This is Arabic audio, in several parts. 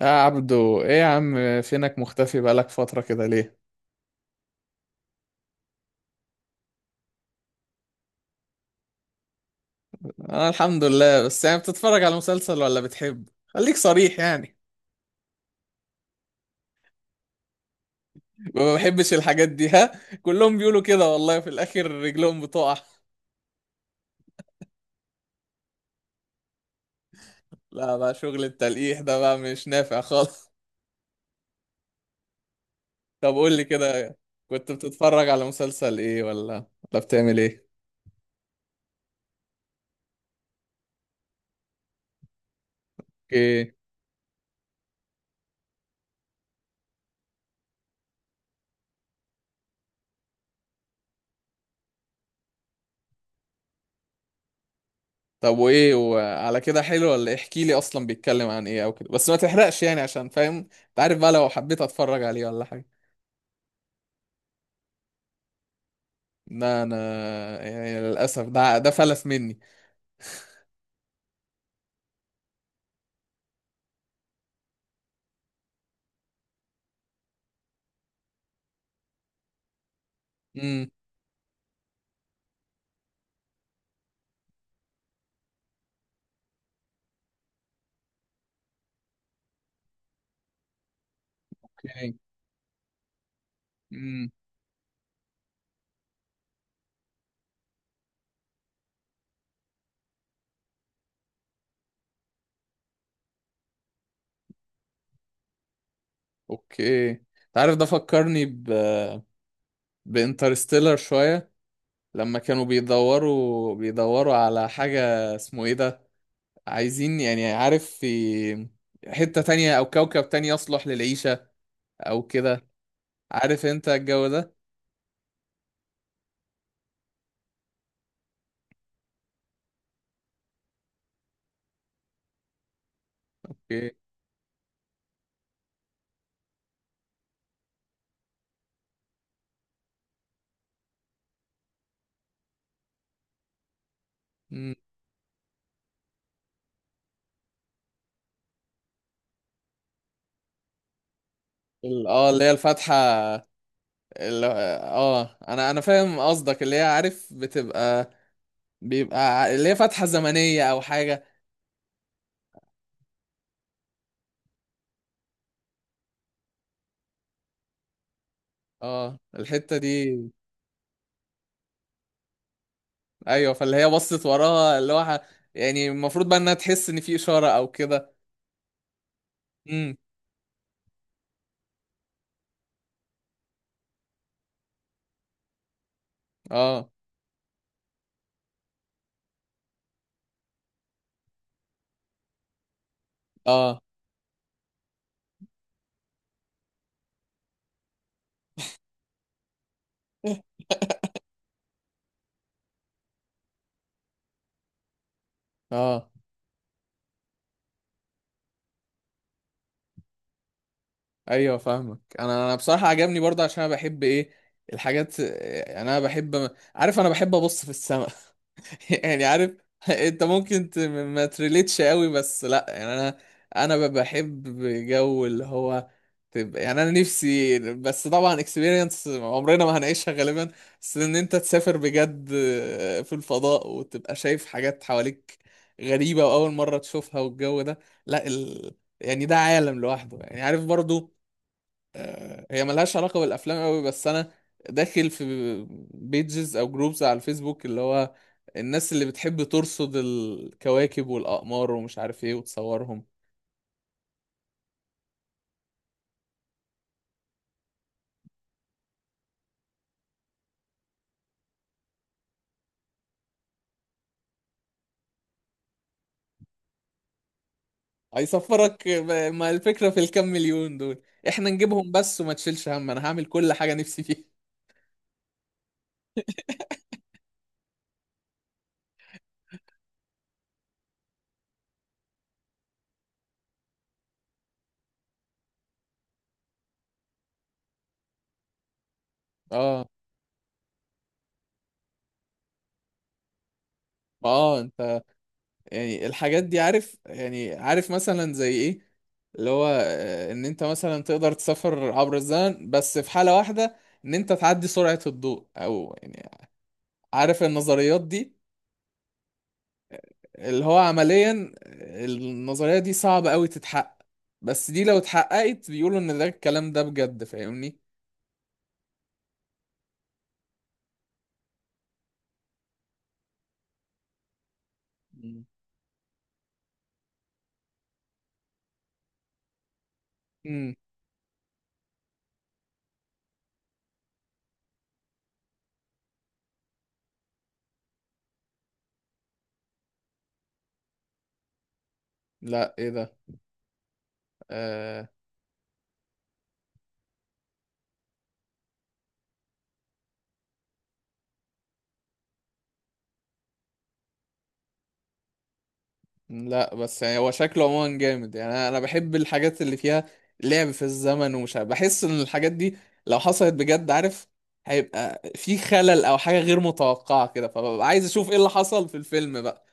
يا عبدو، ايه يا عم؟ فينك مختفي بقالك فترة كده ليه؟ انا الحمد لله. بس يعني بتتفرج على مسلسل ولا بتحب؟ خليك صريح يعني. ما بحبش الحاجات دي. ها. كلهم بيقولوا كده والله، في الاخر رجلهم بتقع. لا بقى، شغل التلقيح ده بقى مش نافع خالص. طب قول لي كده. كنت بتتفرج على مسلسل ايه ولا بتعمل ايه؟ ايه. طب وايه، وعلى كده حلو ولا إيه؟ احكي لي اصلا بيتكلم عن ايه او كده، بس ما تحرقش يعني عشان فاهم انت، عارف بقى لو حبيت اتفرج عليه ولا حاجة. لا انا، يعني للاسف ده فلس مني. امم. اوكي. امم. اوكي انت عارف، ده فكرني ب، بانترستيلر شويه، لما كانوا بيدوروا على حاجه، اسمه ايه ده، عايزين يعني، عارف، في حته تانية او كوكب تاني يصلح للعيشه او كده، عارف انت الجو ده. اوكي. امم. اللي هي الفاتحه. انا فاهم قصدك، اللي هي عارف، بيبقى اللي هي فتحة زمنية أو حاجة. اه، الحتة دي. أيوة، فاللي هي بصت وراها اللي هو يعني المفروض بقى إنها تحس إن في إشارة أو كده. امم. اه. اه. اه. ايوه، فاهمك. انا بصراحه عجبني برضه، عشان انا بحب ايه، الحاجات، يعني انا بحب، عارف انا بحب ابص في السماء. يعني عارف. انت ممكن ما تريليتش قوي، بس لا يعني انا، بحب جو اللي هو تبقى، يعني انا نفسي، بس طبعا اكسبيرينس عمرنا ما هنعيشها غالبا، بس ان انت تسافر بجد في الفضاء وتبقى شايف حاجات حواليك غريبة، واول مرة تشوفها، والجو ده. لا ال... يعني ده عالم لوحده يعني، عارف برضو. هي ملهاش علاقة بالأفلام أوي، بس أنا داخل في بيجز أو جروبز على الفيسبوك، اللي هو الناس اللي بتحب ترصد الكواكب والأقمار ومش عارف إيه وتصورهم. هيصفرك ما الفكرة في الكام مليون دول، إحنا نجيبهم بس، وما تشيلش هم، أنا هعمل كل حاجة نفسي فيها. آه. آه. أنت يعني الحاجات دي عارف، يعني عارف مثلا زي ايه، اللي هو ان انت مثلا تقدر تسافر عبر الزمن، بس في حالة واحدة، ان انت تعدي سرعة الضوء او يعني، عارف النظريات دي، اللي هو عمليا، النظرية دي صعبة قوي تتحقق، بس دي لو اتحققت بيقولوا ان ده، الكلام ده بجد، فاهمني. مم. امم. لا، ايه ده؟ آه. لا، بس يعني هو شكله عموما جامد، يعني انا أنا بحب الحاجات اللي فيها لعب في الزمن، ومش عارف، بحس ان الحاجات دي لو حصلت بجد، عارف، هيبقى في خلل او حاجة غير متوقعة كده، فببقى عايز اشوف ايه اللي حصل في الفيلم بقى.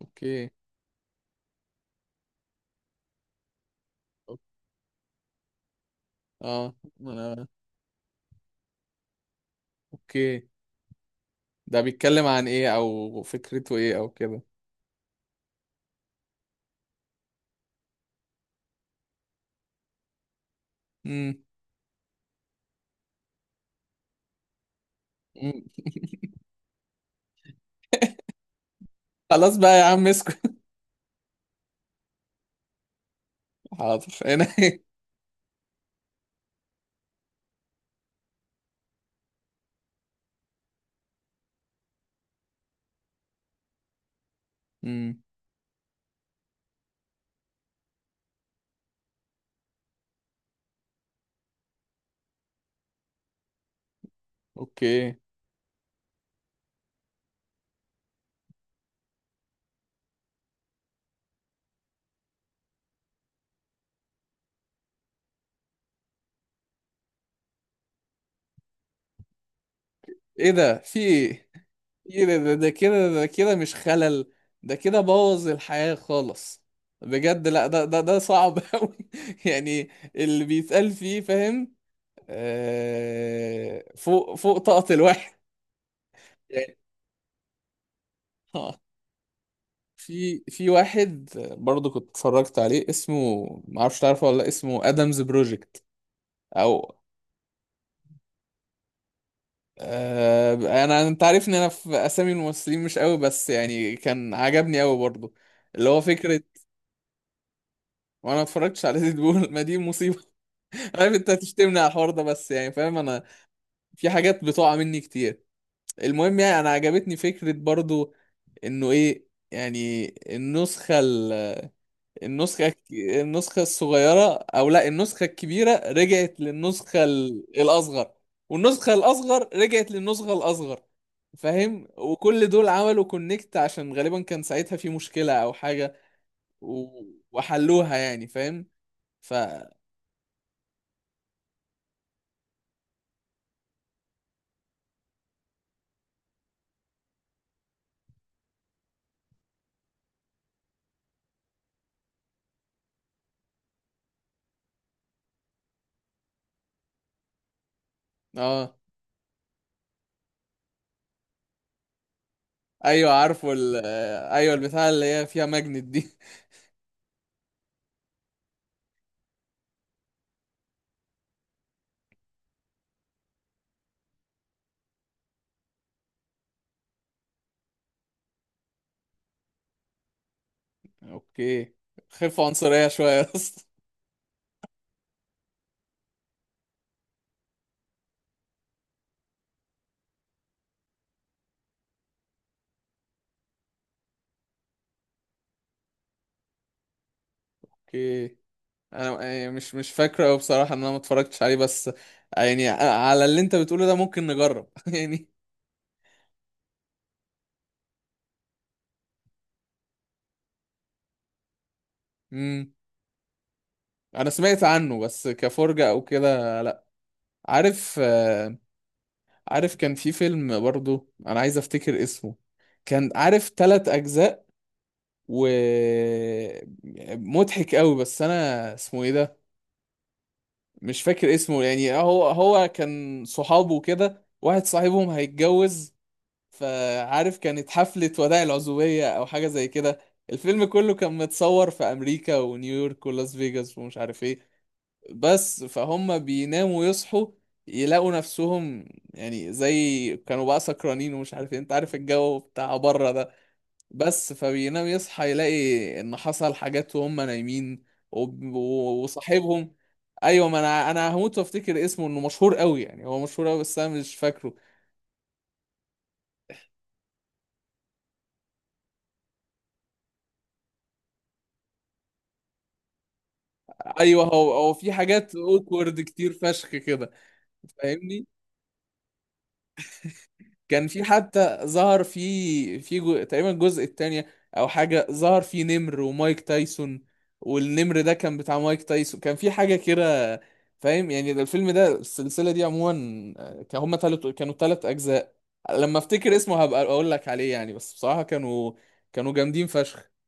اوكي. اه. انا اوكي، ده بيتكلم عن ايه او فكرته ايه او كده؟ امم. أمم. خلاص بقى يا عم، اسكت. حاضر، هنا. امم. اوكي. ايه ده، في ايه؟ ايه ده، ده كده، ده كده مش خلل، ده كده بوظ الحياة خالص، بجد. لا، ده ده صعب قوي، يعني اللي بيتقال فيه فاهم، آه، فوق فوق طاقة الواحد يعني. آه. في واحد برضه كنت اتفرجت عليه، اسمه، ما اعرفش تعرفه ولا لأ، اسمه ادمز بروجكت، او. آه، انت عارفني انا في اسامي الممثلين مش قوي، بس يعني كان عجبني قوي برضه، اللي هو فكرة، وانا ما اتفرجتش على ديد بول. ما دي مصيبه. عارف انت هتشتمني على الحوار ده، بس يعني فاهم انا في حاجات بتقع مني كتير. المهم يعني انا عجبتني فكره برضو، انه ايه يعني، النسخه ال... النسخه الصغيره، او لا، النسخه الكبيره رجعت للنسخه الاصغر، والنسخه الاصغر رجعت للنسخه الاصغر، فاهم، وكل دول عملوا كونكت عشان غالبا كان ساعتها في مشكله او حاجه، و... وحلوها يعني فاهم، ف. اه. ايوه، عارفه ايوه، البتاع اللي هي فيها ماجنت دي. اوكي. خفة عنصرية شوية يا اسطى. اوكي. انا يعني مش فاكره أوي بصراحة ان انا ما اتفرجتش عليه، بس يعني على اللي انت بتقوله ده ممكن نجرب يعني. امم. انا سمعت عنه بس كفرجة او كده، لا. عارف، عارف كان في فيلم برضو، انا عايز افتكر اسمه، كان عارف 3 اجزاء، و، مضحك قوي، بس انا اسمه ايه ده، مش فاكر اسمه، يعني هو كان صحابه كده، واحد صاحبهم هيتجوز، فعارف كانت حفلة وداع العزوبية أو حاجة زي كده، الفيلم كله كان متصور في أمريكا ونيويورك ولاس فيجاس ومش عارف ايه، بس فهم بيناموا يصحوا يلاقوا نفسهم، يعني زي كانوا بقى سكرانين ومش عارف ايه، انت عارف الجو بتاع بره ده، بس فبينام يصحى يلاقي ان حصل حاجات وهم نايمين، و وصاحبهم ايوه، ما انا هموت وافتكر اسمه، انه مشهور قوي، يعني هو مشهور قوي بس انا مش فاكره. ايوه، هو في حاجات اوكورد كتير فشخ كده، فاهمني. كان في حتى، ظهر تقريبا الجزء الثاني او حاجه، ظهر فيه نمر ومايك تايسون، والنمر ده كان بتاع مايك تايسون، كان في حاجه كده، فاهم يعني، ده الفيلم ده، السلسله دي عموما، كان هما كانوا 3 اجزاء، لما افتكر اسمه هبقى اقول لك عليه يعني، بس بصراحه كانوا جامدين فشخ.